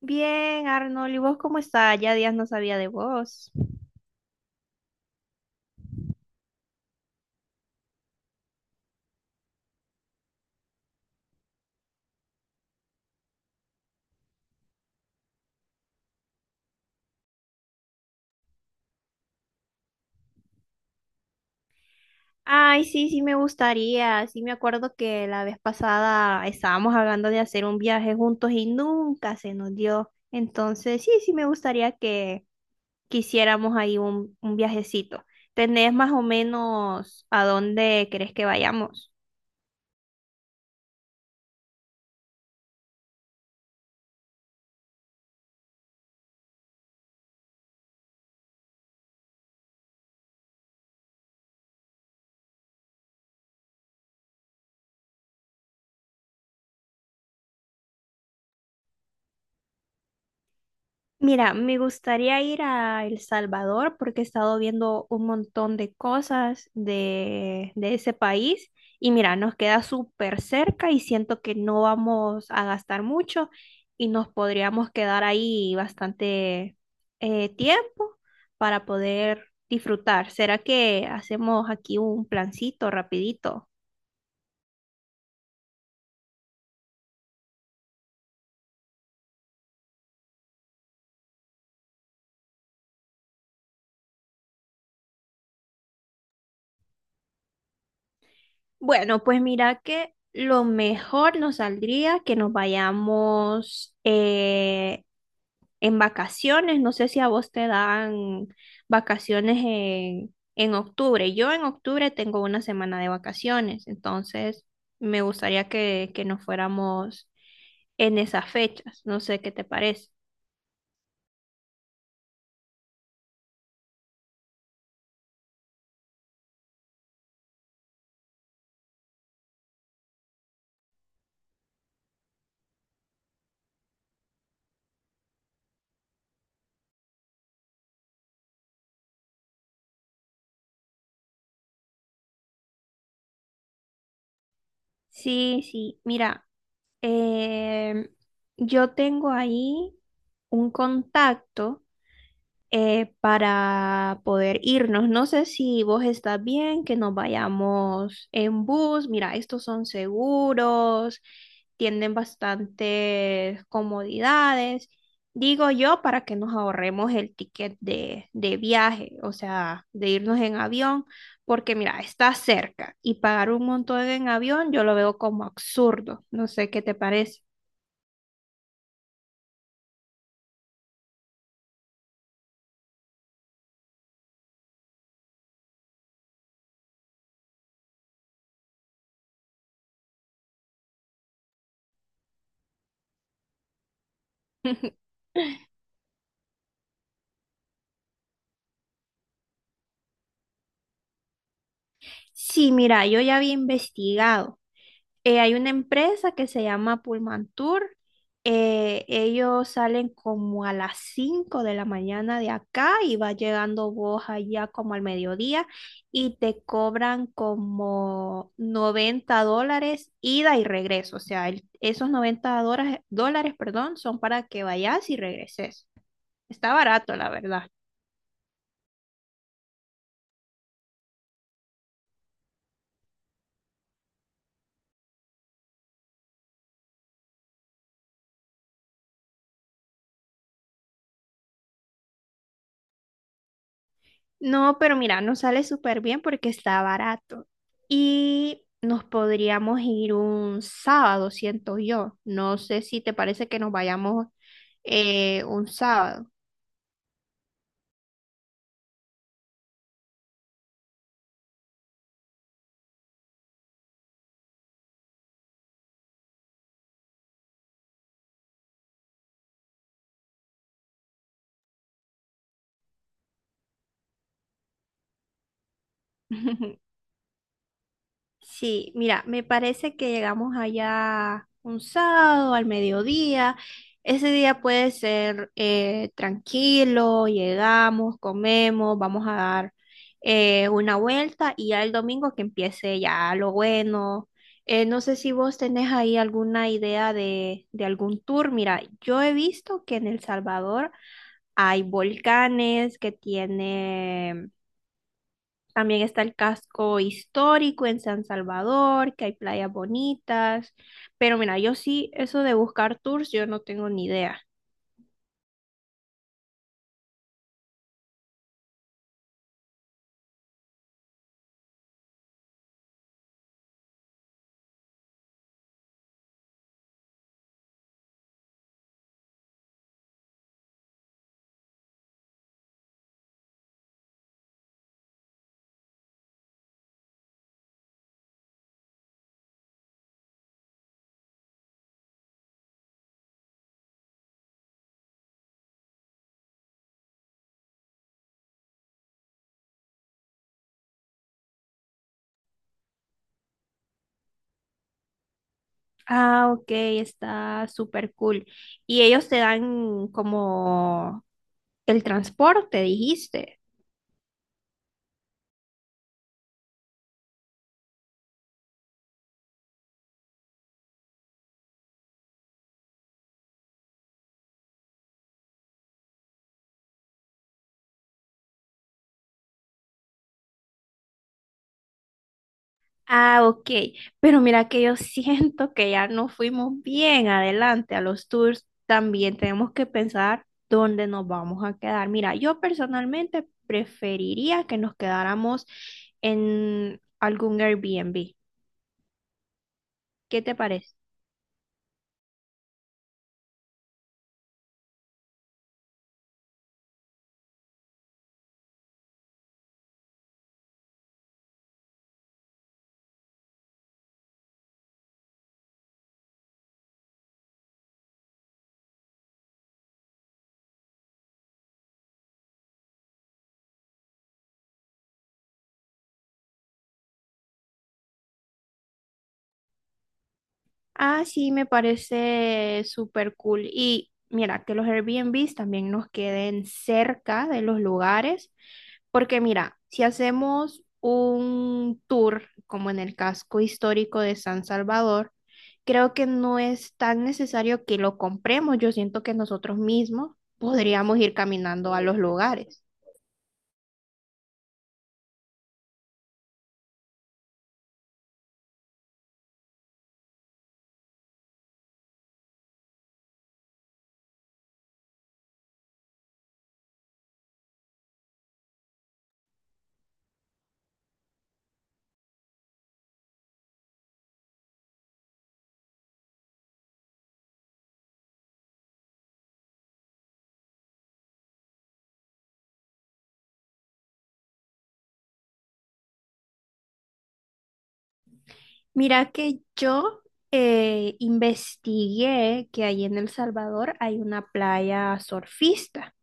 Bien, Arnold, ¿y vos cómo está? Ya días no sabía de vos. Ay, sí, sí me gustaría. Sí me acuerdo que la vez pasada estábamos hablando de hacer un viaje juntos y nunca se nos dio. Entonces, sí, sí me gustaría que quisiéramos ahí un viajecito. ¿Tenés más o menos a dónde querés que vayamos? Mira, me gustaría ir a El Salvador porque he estado viendo un montón de cosas de ese país y mira, nos queda súper cerca y siento que no vamos a gastar mucho y nos podríamos quedar ahí bastante tiempo para poder disfrutar. ¿Será que hacemos aquí un plancito rapidito? Bueno, pues mira que lo mejor nos saldría que nos vayamos en vacaciones. No sé si a vos te dan vacaciones en octubre. Yo en octubre tengo una semana de vacaciones, entonces me gustaría que nos fuéramos en esas fechas. No sé qué te parece. Sí, sí, mira, em, yo tengo ahí un contacto para poder irnos. No sé si vos estás bien, que nos vayamos en bus. Mira, estos son seguros, tienen bastantes comodidades. Digo yo, para que nos ahorremos el ticket de viaje, o sea, de irnos en avión, porque mira, está cerca y pagar un montón en avión yo lo veo como absurdo. No sé qué te parece. Sí, mira, yo ya había investigado. Hay una empresa que se llama Pullman Tour. Ellos salen como a las 5 de la mañana de acá y va llegando vos allá como al mediodía y te cobran como $90 ida y regreso. O sea, el- esos $90, dólares, perdón, son para que vayas y regreses. Está barato, la verdad. No, pero mira, nos sale súper bien porque está barato. Y nos podríamos ir un sábado, siento yo. No sé si te parece que nos vayamos un sábado. Sí, mira, me parece que llegamos allá un sábado al mediodía. Ese día puede ser tranquilo, llegamos, comemos, vamos a dar una vuelta y ya el domingo que empiece ya lo bueno. No sé si vos tenés ahí alguna idea de algún tour. Mira, yo he visto que en El Salvador hay volcanes que tienen también está el casco histórico en San Salvador, que hay playas bonitas. Pero mira, yo sí, eso de buscar tours, yo no tengo ni idea. Ah, ok, está súper cool. Y ellos te dan como el transporte, dijiste. Ah, ok. Pero mira que yo siento que ya no fuimos bien adelante a los tours. También tenemos que pensar dónde nos vamos a quedar. Mira, yo personalmente preferiría que nos quedáramos en algún Airbnb. ¿Qué te parece? Ah, sí, me parece súper cool. Y mira, que los Airbnbs también nos queden cerca de los lugares, porque mira, si hacemos un tour como en el casco histórico de San Salvador, creo que no es tan necesario que lo compremos. Yo siento que nosotros mismos podríamos ir caminando a los lugares. Mira que yo investigué que allí en El Salvador hay una playa surfista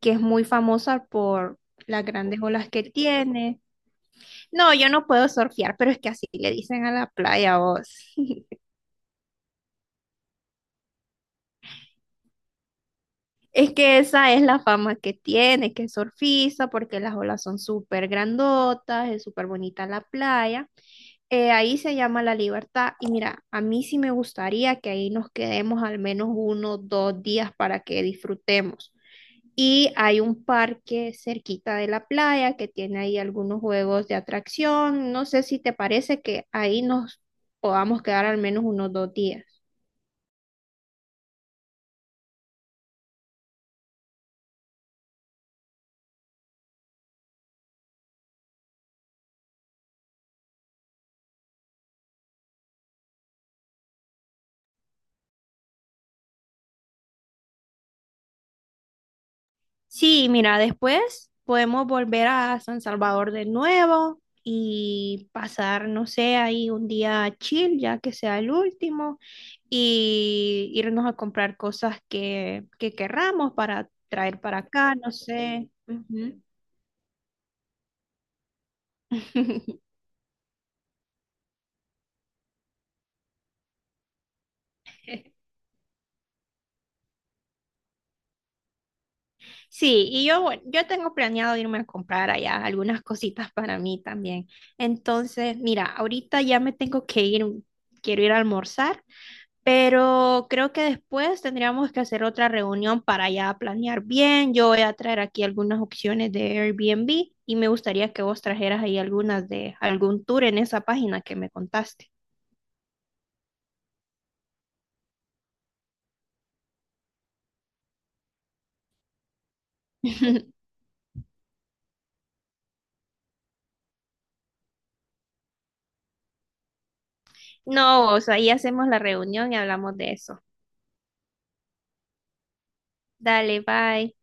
que es muy famosa por las grandes olas que tiene. No, yo no puedo surfear, pero es que así le dicen a la playa vos. Es que esa es la fama que tiene, que es surfista, porque las olas son súper grandotas, es súper bonita la playa. Ahí se llama La Libertad y mira, a mí sí me gustaría que ahí nos quedemos al menos uno, 2 días para que disfrutemos. Y hay un parque cerquita de la playa que tiene ahí algunos juegos de atracción. No sé si te parece que ahí nos podamos quedar al menos unos 2 días. Sí, mira, después podemos volver a San Salvador de nuevo y pasar, no sé, ahí un día chill, ya que sea el último, y irnos a comprar cosas que querramos para traer para acá, no sé. Ujú. Sí, y yo, bueno, yo tengo planeado irme a comprar allá algunas cositas para mí también. Entonces, mira, ahorita ya me tengo que ir, quiero ir a almorzar, pero creo que después tendríamos que hacer otra reunión para ya planear bien. Yo voy a traer aquí algunas opciones de Airbnb y me gustaría que vos trajeras ahí algunas de algún tour en esa página que me contaste. No, o sea, ahí hacemos la reunión y hablamos de eso. Dale, bye.